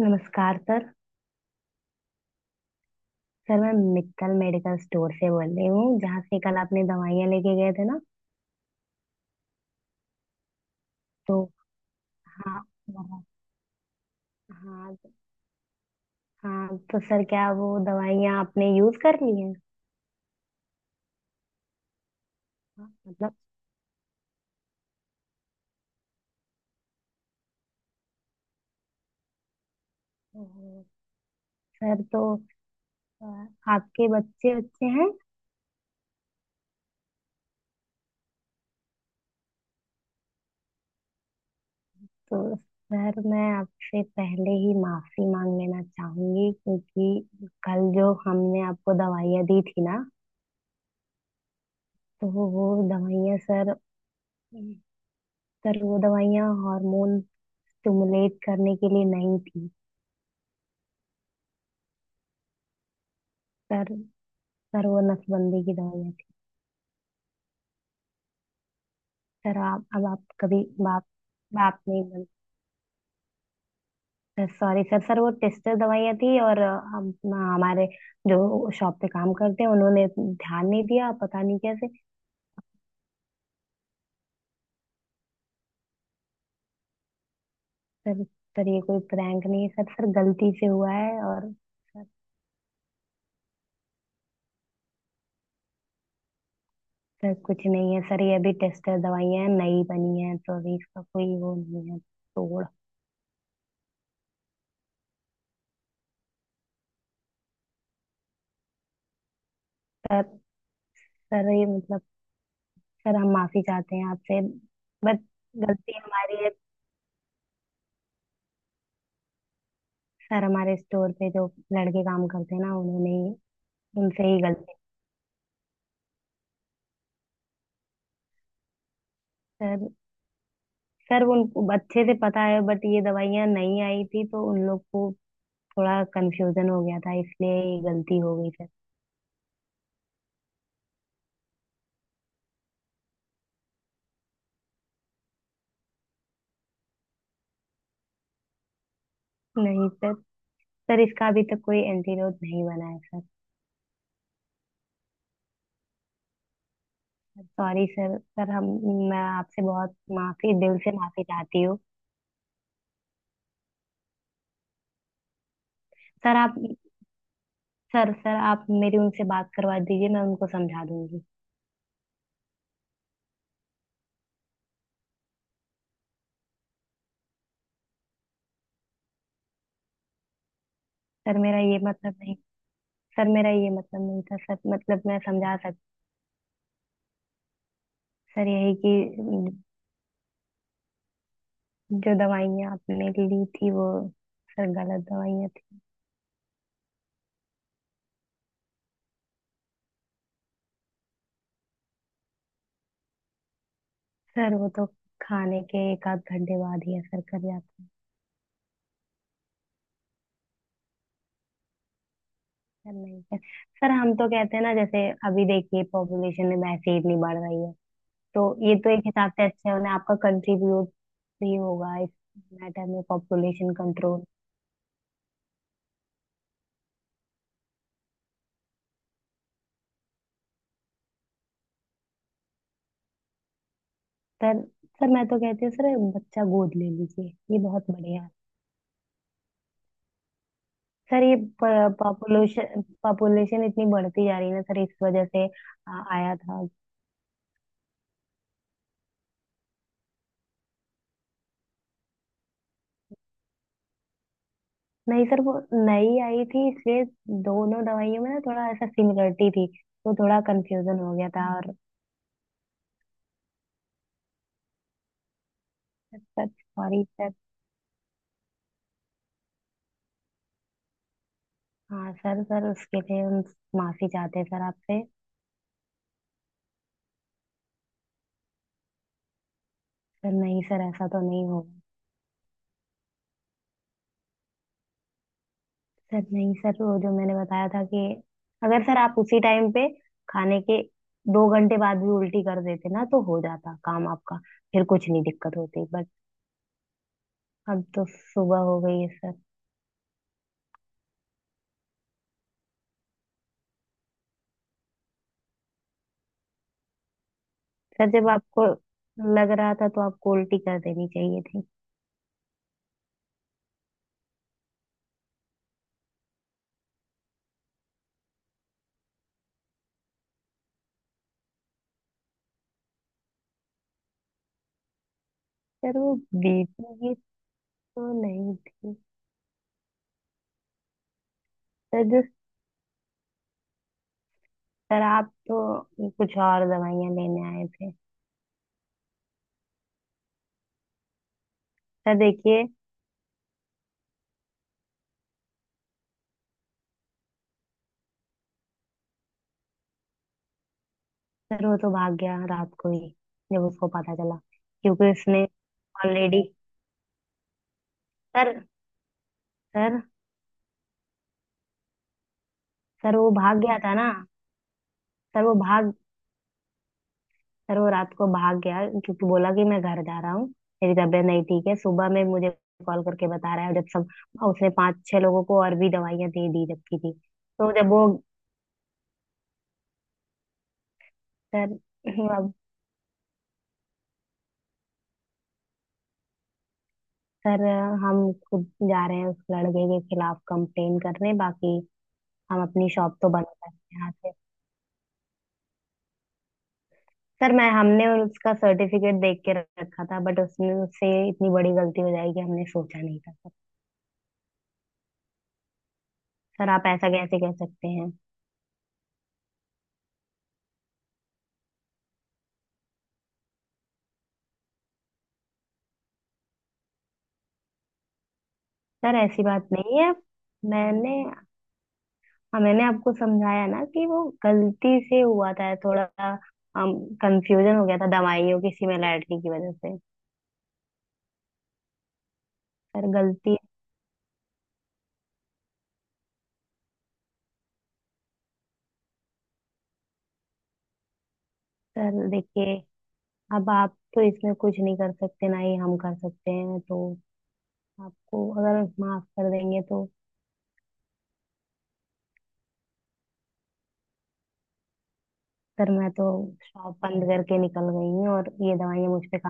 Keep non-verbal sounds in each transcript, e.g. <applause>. नमस्कार sir. Sir मैं Mittal medical store से बोल रही हूँ जहाँ से कल आपने दवाइयाँ लेके गए थे ना। तो हाँ वहाँ- हाँ हाँ। तो सर क्या वो दवाइयाँ आपने यूज कर ली हैं। हाँ, मतलब ओहो, सर तो अ, आपके बच्चे बच्चे हैं। तो सर मैं आपसे पहले ही माफी मांग लेना चाहूंगी क्योंकि कल जो हमने आपको दवाइयाँ दी थी ना। तो वो दवाइयाँ सर। सर वो दवाइयाँ हार्मोन स्टिमुलेट करने के लिए नहीं थी। सर सर वो नसबंदी की दवाइयाँ थी। सर आप अब आप कभी बाप बाप नहीं बन। Sir sorry sir. सर वो टेस्टर दवाइयाँ थी और हम हमारे जो शॉप पे काम करते हैं उन्होंने ध्यान नहीं दिया पता नहीं कैसे। सर सर ये कोई प्रैंक नहीं है सर। सर गलती से हुआ है और सर। सर कुछ नहीं है सर। ये अभी टेस्टर दवाइयाँ नई बनी हैं तो अभी इसका कोई वो नहीं है तोड़। सर सर ये मतलब सर। हम माफी चाहते हैं आपसे बट गलती हमारी है। सर हमारे स्टोर पे जो लड़के काम करते हैं ना उन्होंने ही उनसे ही गलती है। सर सर उन अच्छे से पता है बट ये दवाइयाँ नहीं आई थी तो उन लोग को थोड़ा कंफ्यूजन हो गया था इसलिए ये गलती हो गई सर। नहीं सर। सर इसका अभी तक कोई एंटीडोट नहीं बना है सर। Sorry sir. सर हम मैं आपसे बहुत माफी दिल से माफी चाहती हूँ। सर आप सर। सर आप मेरी उनसे बात करवा दीजिए मैं उनको समझा दूंगी। सर मेरा ये मतलब नहीं। सर मेरा ये मतलब नहीं था सर। मतलब मैं समझा सक। सर यही कि जो दवाइयाँ आपने ली थी वो सर गलत दवाइयाँ थी। सर वो तो खाने के एक आध घंटे बाद ही असर कर जाता है। सर नहीं सर। सर हम तो कहते हैं ना जैसे अभी देखिए पॉपुलेशन में वैसे ही इतनी बढ़ रही है। तो ये तो एक हिसाब से अच्छा है उन्हें आपका कंट्रीब्यूट भी होगा इस मैटर में पॉपुलेशन कंट्रोल। सर सर मैं तो कहती हूँ सर बच्चा गोद ले लीजिए। ये बहुत बढ़िया है। सर ये पॉपुलेशन पॉपुलेशन इतनी बढ़ती जा रही है ना सर इस वजह से आया था। नहीं सर वो नई आई थी इसलिए दोनों दवाइयों में ना थोड़ा ऐसा सिमिलरिटी थी। तो थोड़ा कंफ्यूजन हो गया था और सर सॉरी सर। हाँ सर सर उसके लिए हम माफी चाहते हैं सर आपसे। सर नहीं सर ऐसा तो नहीं होगा। सर नहीं सर वो जो मैंने बताया था कि अगर सर आप उसी टाइम पे खाने के 2 घंटे बाद भी उल्टी कर देते ना तो हो जाता काम आपका। फिर कुछ नहीं दिक्कत होती बट अब तो सुबह हो गई है सर। सर जब आपको लग रहा था तो आपको उल्टी कर देनी चाहिए थी। सर वो बीपी की तो नहीं थी। सर जो सर आप तो कुछ और दवाइयां लेने आए थे। सर देखिए। सर वो तो भाग गया रात को ही जब उसको पता चला क्योंकि उसने ऑलरेडी सर। सर सर वो भाग गया था ना। सर वो भाग सर वो रात को भाग गया क्योंकि बोला कि मैं घर जा रहा हूँ मेरी तबीयत नहीं ठीक है। सुबह में मुझे कॉल करके बता रहा है जब सब उसने पांच छह लोगों को और भी दवाइयां दे दी रखी थी। तो जब वो सर <laughs> अब सर हम खुद जा रहे हैं उस लड़के के खिलाफ कंप्लेन करने। बाकी हम अपनी शॉप तो बंद करते हैं यहाँ से। सर मैं हमने उसका सर्टिफिकेट देख के रखा था बट उसने उससे इतनी बड़ी गलती हो जाएगी हमने सोचा नहीं था सर। सर, आप ऐसा कैसे कह सकते हैं। सर ऐसी बात नहीं है मैंने हाँ मैंने आपको समझाया ना कि वो गलती से हुआ था। थोड़ा कंफ्यूजन हो गया था दवाइयों की सिमिलैरिटी की वजह से। सर गलती सर देखिए अब आप तो इसमें कुछ नहीं कर सकते ना ही हम कर सकते हैं तो आपको अगर माफ कर देंगे तो। सर मैं तो शॉप बंद करके निकल गई हूँ और ये दवाइयाँ मुझ पे खा।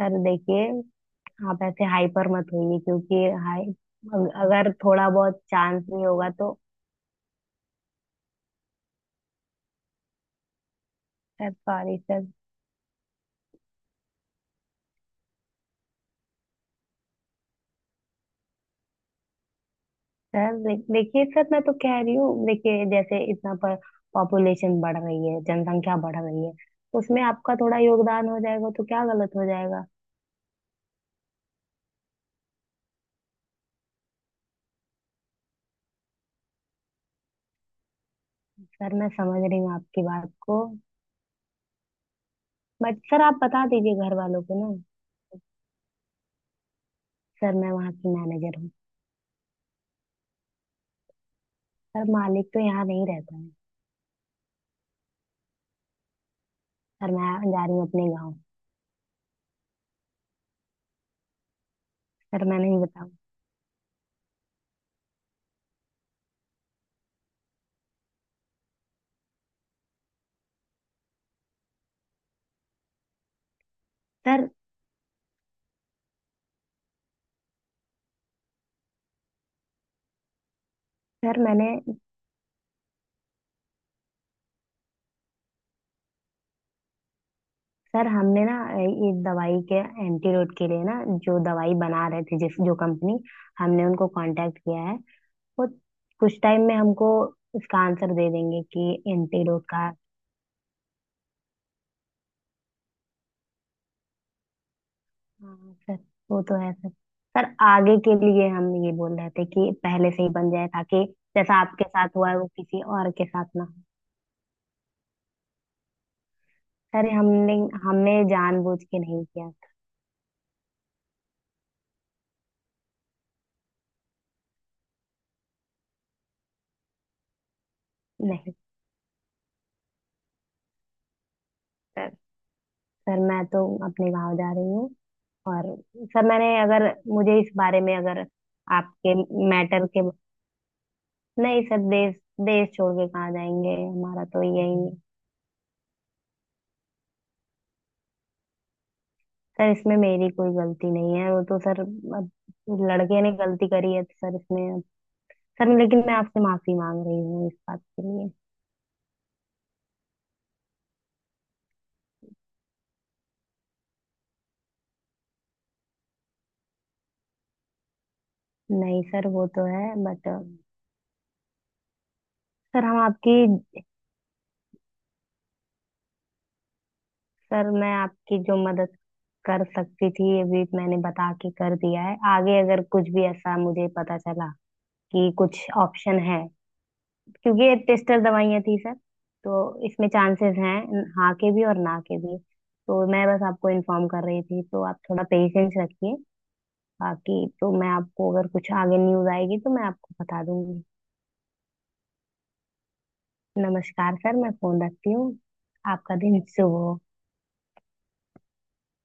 सर देखिए आप ऐसे हाइपर मत होइए क्योंकि हाई अगर थोड़ा बहुत चांस भी होगा तो। Sir sorry sir. सर देखिए सर मैं तो कह रही हूँ देखिए जैसे इतना पर पॉपुलेशन बढ़ रही है जनसंख्या बढ़ रही है। उसमें आपका थोड़ा योगदान हो जाएगा तो क्या गलत हो जाएगा। सर मैं समझ रही हूँ आपकी बात को बट सर आप बता दीजिए घर वालों को ना। सर मैं वहाँ की मैनेजर हूँ। सर मालिक तो यहाँ नहीं रहता है। सर मैं जा रही हूँ अपने गाँव। सर मैं नहीं बताऊँ। सर सर मैंने सर हमने ना ये दवाई के एंटीरोड के लिए ना जो दवाई बना रहे थे जिस जो कंपनी हमने उनको कांटेक्ट किया है। वो कुछ टाइम में हमको इसका आंसर दे देंगे कि एंटीडोट का। हाँ सर वो तो है सर। सर आगे के लिए हम ये बोल रहे थे कि पहले से ही बन जाए ताकि जैसा आपके साथ हुआ है वो किसी और के साथ ना हो। सर हमने हमने जानबूझ के नहीं किया था। नहीं सर सर मैं तो अपने गांव जा रही हूँ और सर मैंने अगर मुझे इस बारे में अगर आपके मैटर के नहीं सर देश देश छोड़ के कहाँ जाएंगे हमारा तो यही। सर इसमें मेरी कोई गलती नहीं है वो तो सर अब लड़के ने गलती करी है तो सर इसमें सर लेकिन मैं आपसे माफी मांग रही हूँ इस बात के लिए। नहीं सर वो तो है बट सर हम आपकी सर मैं आपकी जो मदद कर सकती थी ये भी मैंने बता के कर दिया है। आगे अगर कुछ भी ऐसा मुझे पता चला कि कुछ ऑप्शन है क्योंकि ये टेस्टर दवाइयाँ थी सर तो इसमें चांसेस हैं हाँ के भी और ना के भी। तो मैं बस आपको इन्फॉर्म कर रही थी तो आप थोड़ा पेशेंस रखिए। बाकी तो मैं आपको अगर कुछ आगे न्यूज आएगी तो मैं आपको बता दूंगी। नमस्कार सर मैं फोन रखती हूँ। आपका दिन शुभ हो।